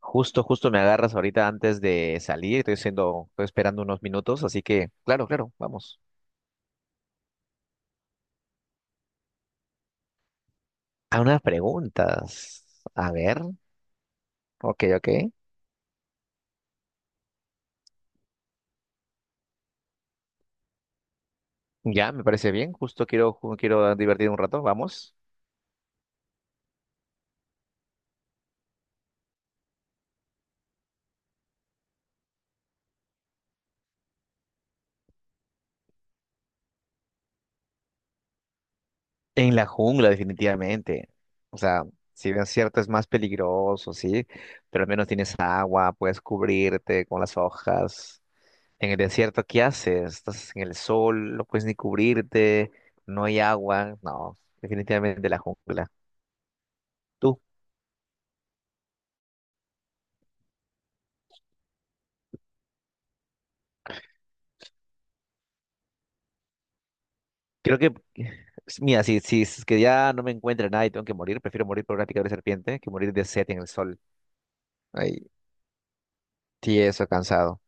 Justo me agarras ahorita antes de salir. Estoy esperando unos minutos, así que, claro, claro, vamos. A unas preguntas. A ver, ok, ok. Ya, me parece bien. Justo quiero divertir un rato, vamos. En la jungla, definitivamente. O sea, si bien es cierto, es más peligroso, sí, pero al menos tienes agua, puedes cubrirte con las hojas. En el desierto, ¿qué haces? Estás en el sol, no puedes ni cubrirte, no hay agua. No, definitivamente la jungla. Tú, creo que, mira, si es que ya no me encuentra nada y tengo que morir, prefiero morir por una picadura de serpiente que morir de sed en el sol. Ay, tieso, cansado.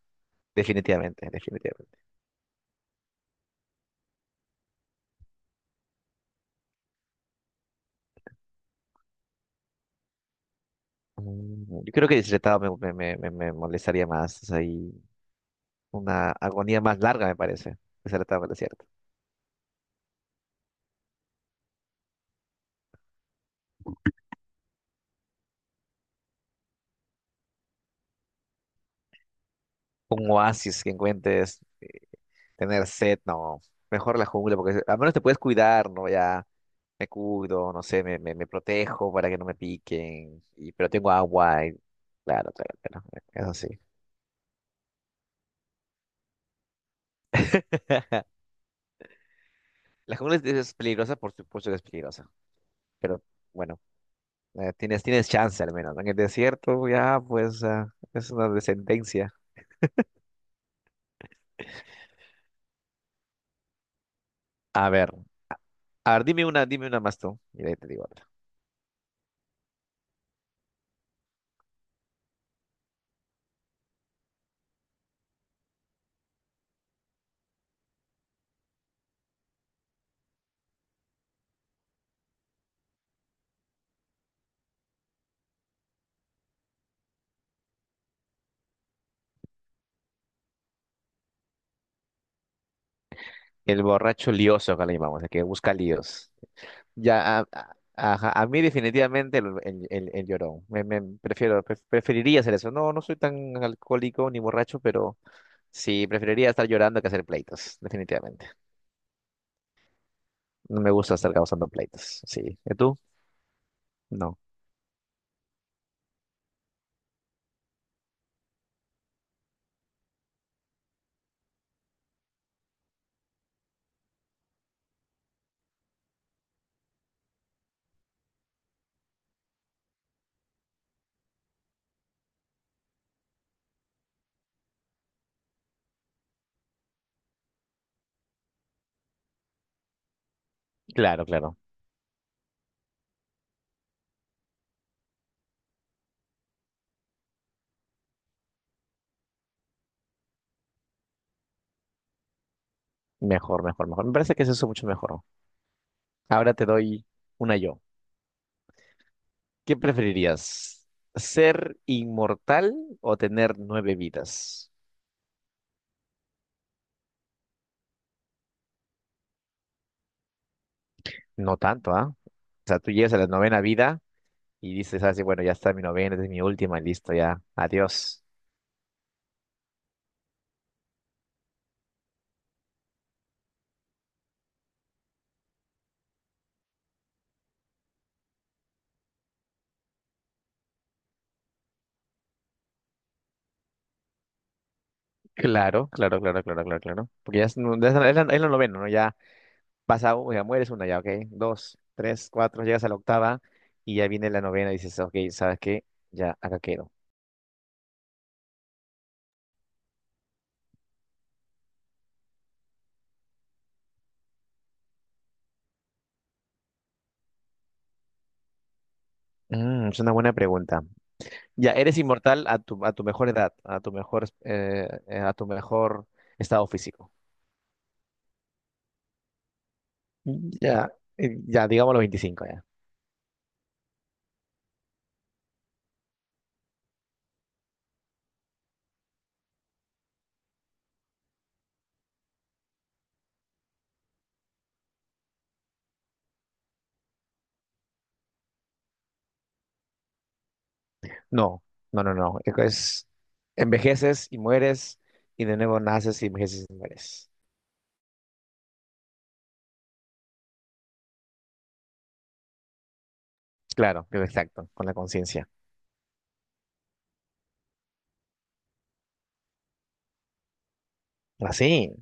Definitivamente, definitivamente. Yo creo que deshidratado me molestaría más. Es ahí una agonía más larga, me parece. Deshidratado, es cierto. Un oasis que encuentres. Tener sed, no. Mejor la jungla, porque al menos te puedes cuidar, ¿no? Ya me cuido, no sé, me protejo para que no me piquen, y, pero tengo agua. Y claro, claro, claro, eso sí. La jungla es peligrosa, por supuesto que es peligrosa, pero bueno, tienes chance al menos, ¿no? En el desierto ya, pues, ah, es una descendencia. A ver. A ver, dime una más tú. Mira, ya te digo otra. El borracho lioso, acá le llamamos, el que busca líos. Ya, a- ajá, a mí definitivamente el llorón. Preferiría hacer eso. No, no soy tan alcohólico ni borracho, pero sí, preferiría estar llorando que hacer pleitos, definitivamente. No me gusta estar causando pleitos. Sí. ¿Y tú? No. Claro, claro. Mejor, mejor, mejor. Me parece que es eso mucho mejor, ¿no? Ahora te doy una yo. ¿Qué preferirías? ¿Ser inmortal o tener nueve vidas? No tanto, ¿ah? O sea, tú llegas a la novena vida y dices así, bueno, ya está mi novena, esta es mi última, listo, ya, adiós. Claro, claro, claro, claro, claro, claro. Porque ya es, no- ya es la, es la novena, ¿no? Ya pasa, ya mueres una, ya, ok. Dos, tres, cuatro, llegas a la octava y ya viene la novena y dices, ok, ¿sabes qué? Ya acá quedo. Mm, es una buena pregunta. Ya, eres inmortal a tu mejor edad, a tu mejor estado físico. Ya, ya, digamos los 25 ya. No, no, no, no. Envejeces y mueres y de nuevo naces y envejeces y mueres. Claro, claro, exacto, con la conciencia. Así,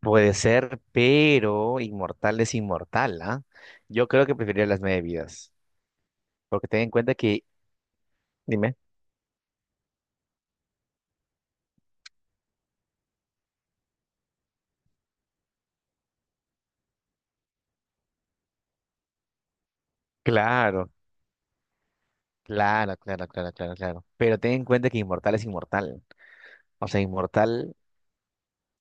puede ser, pero inmortal es inmortal, ¿ah? Yo creo que preferiría las nueve vidas, porque ten en cuenta que, dime, claro, claro, claro, claro, claro, claro, pero ten en cuenta que inmortal es inmortal. O sea, inmortal,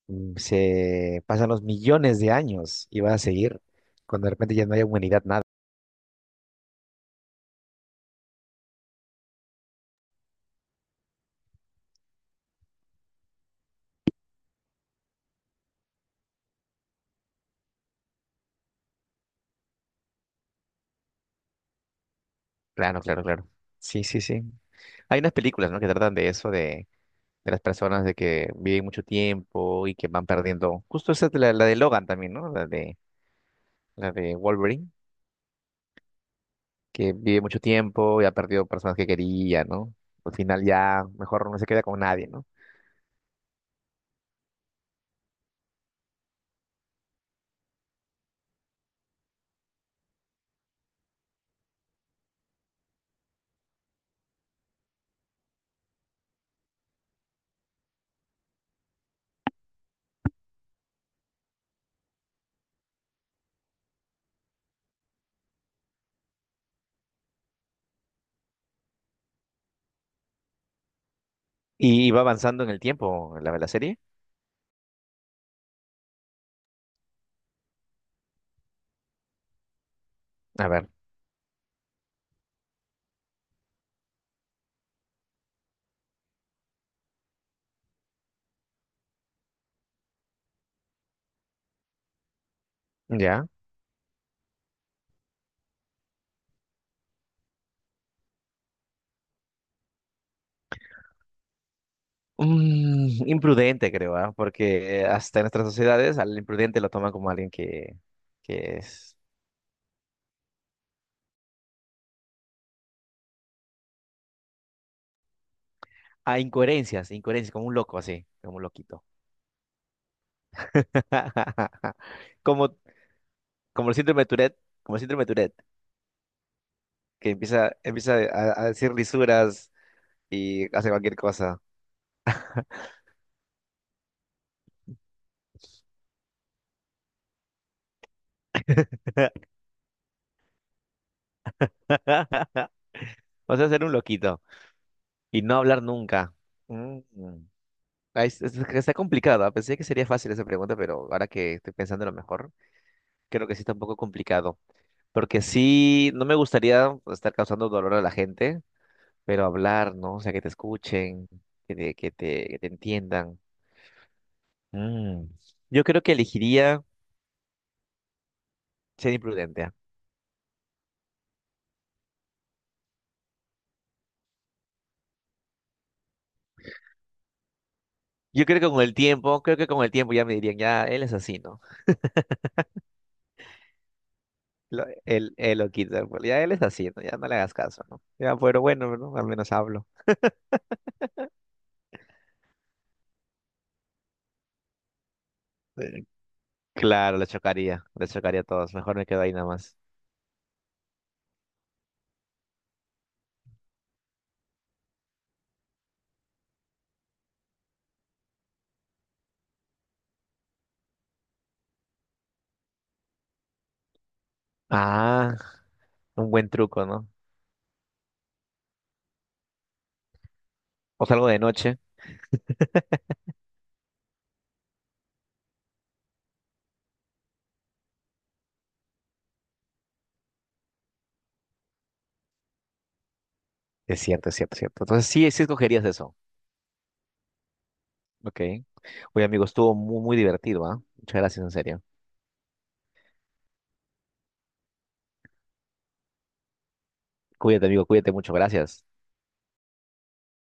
mm, se pasan los millones de años y va a seguir cuando de repente ya no haya humanidad, nada. Claro, claro, claro. Sí, sí, sí. Hay unas películas, ¿no?, que tratan de eso, de las personas de que viven mucho tiempo y que van perdiendo. Justo esa, es la de Logan también, ¿no? La de Wolverine, que vive mucho tiempo y ha perdido personas que quería, ¿no? Al final ya mejor no se queda con nadie, ¿no? Y va avanzando en el tiempo la serie. A ver, ya. Imprudente, creo, ¿ah? Porque hasta en nuestras sociedades al imprudente lo toman como alguien que es… Ah, incoherencias, incoherencias, como un loco así, como un loquito. Como, como el síndrome de Tourette, como el síndrome de Tourette, que empieza a, decir lisuras y hace cualquier cosa. O sea, ser un loquito y no hablar nunca. Mm. Mm. Ay, está complicada. Pensé que sería fácil esa pregunta, pero ahora que estoy pensando lo mejor, creo que sí está un poco complicado, porque sí, no me gustaría estar causando dolor a la gente, pero hablar, ¿no? O sea, que te escuchen, que te entiendan. Mm. Yo creo que elegiría ser imprudente, ¿ah? Yo creo que con el tiempo, creo que con el tiempo ya me dirían, ya, él es así, ¿no? Él lo quita, pues, ya él es así, ¿no? Ya no le hagas caso, ¿no? Ya, pero bueno, ¿no? Al menos hablo. Eh, Claro, le chocaría a todos. Mejor me quedo ahí nada más. Ah, un buen truco, ¿no? O salgo de noche. Es cierto, es cierto, es cierto. Entonces sí, sí escogerías eso. Ok. Oye, amigo, estuvo muy, muy divertido, ¿ah? Muchas gracias, en serio. Cuídate, amigo, cuídate mucho. Gracias.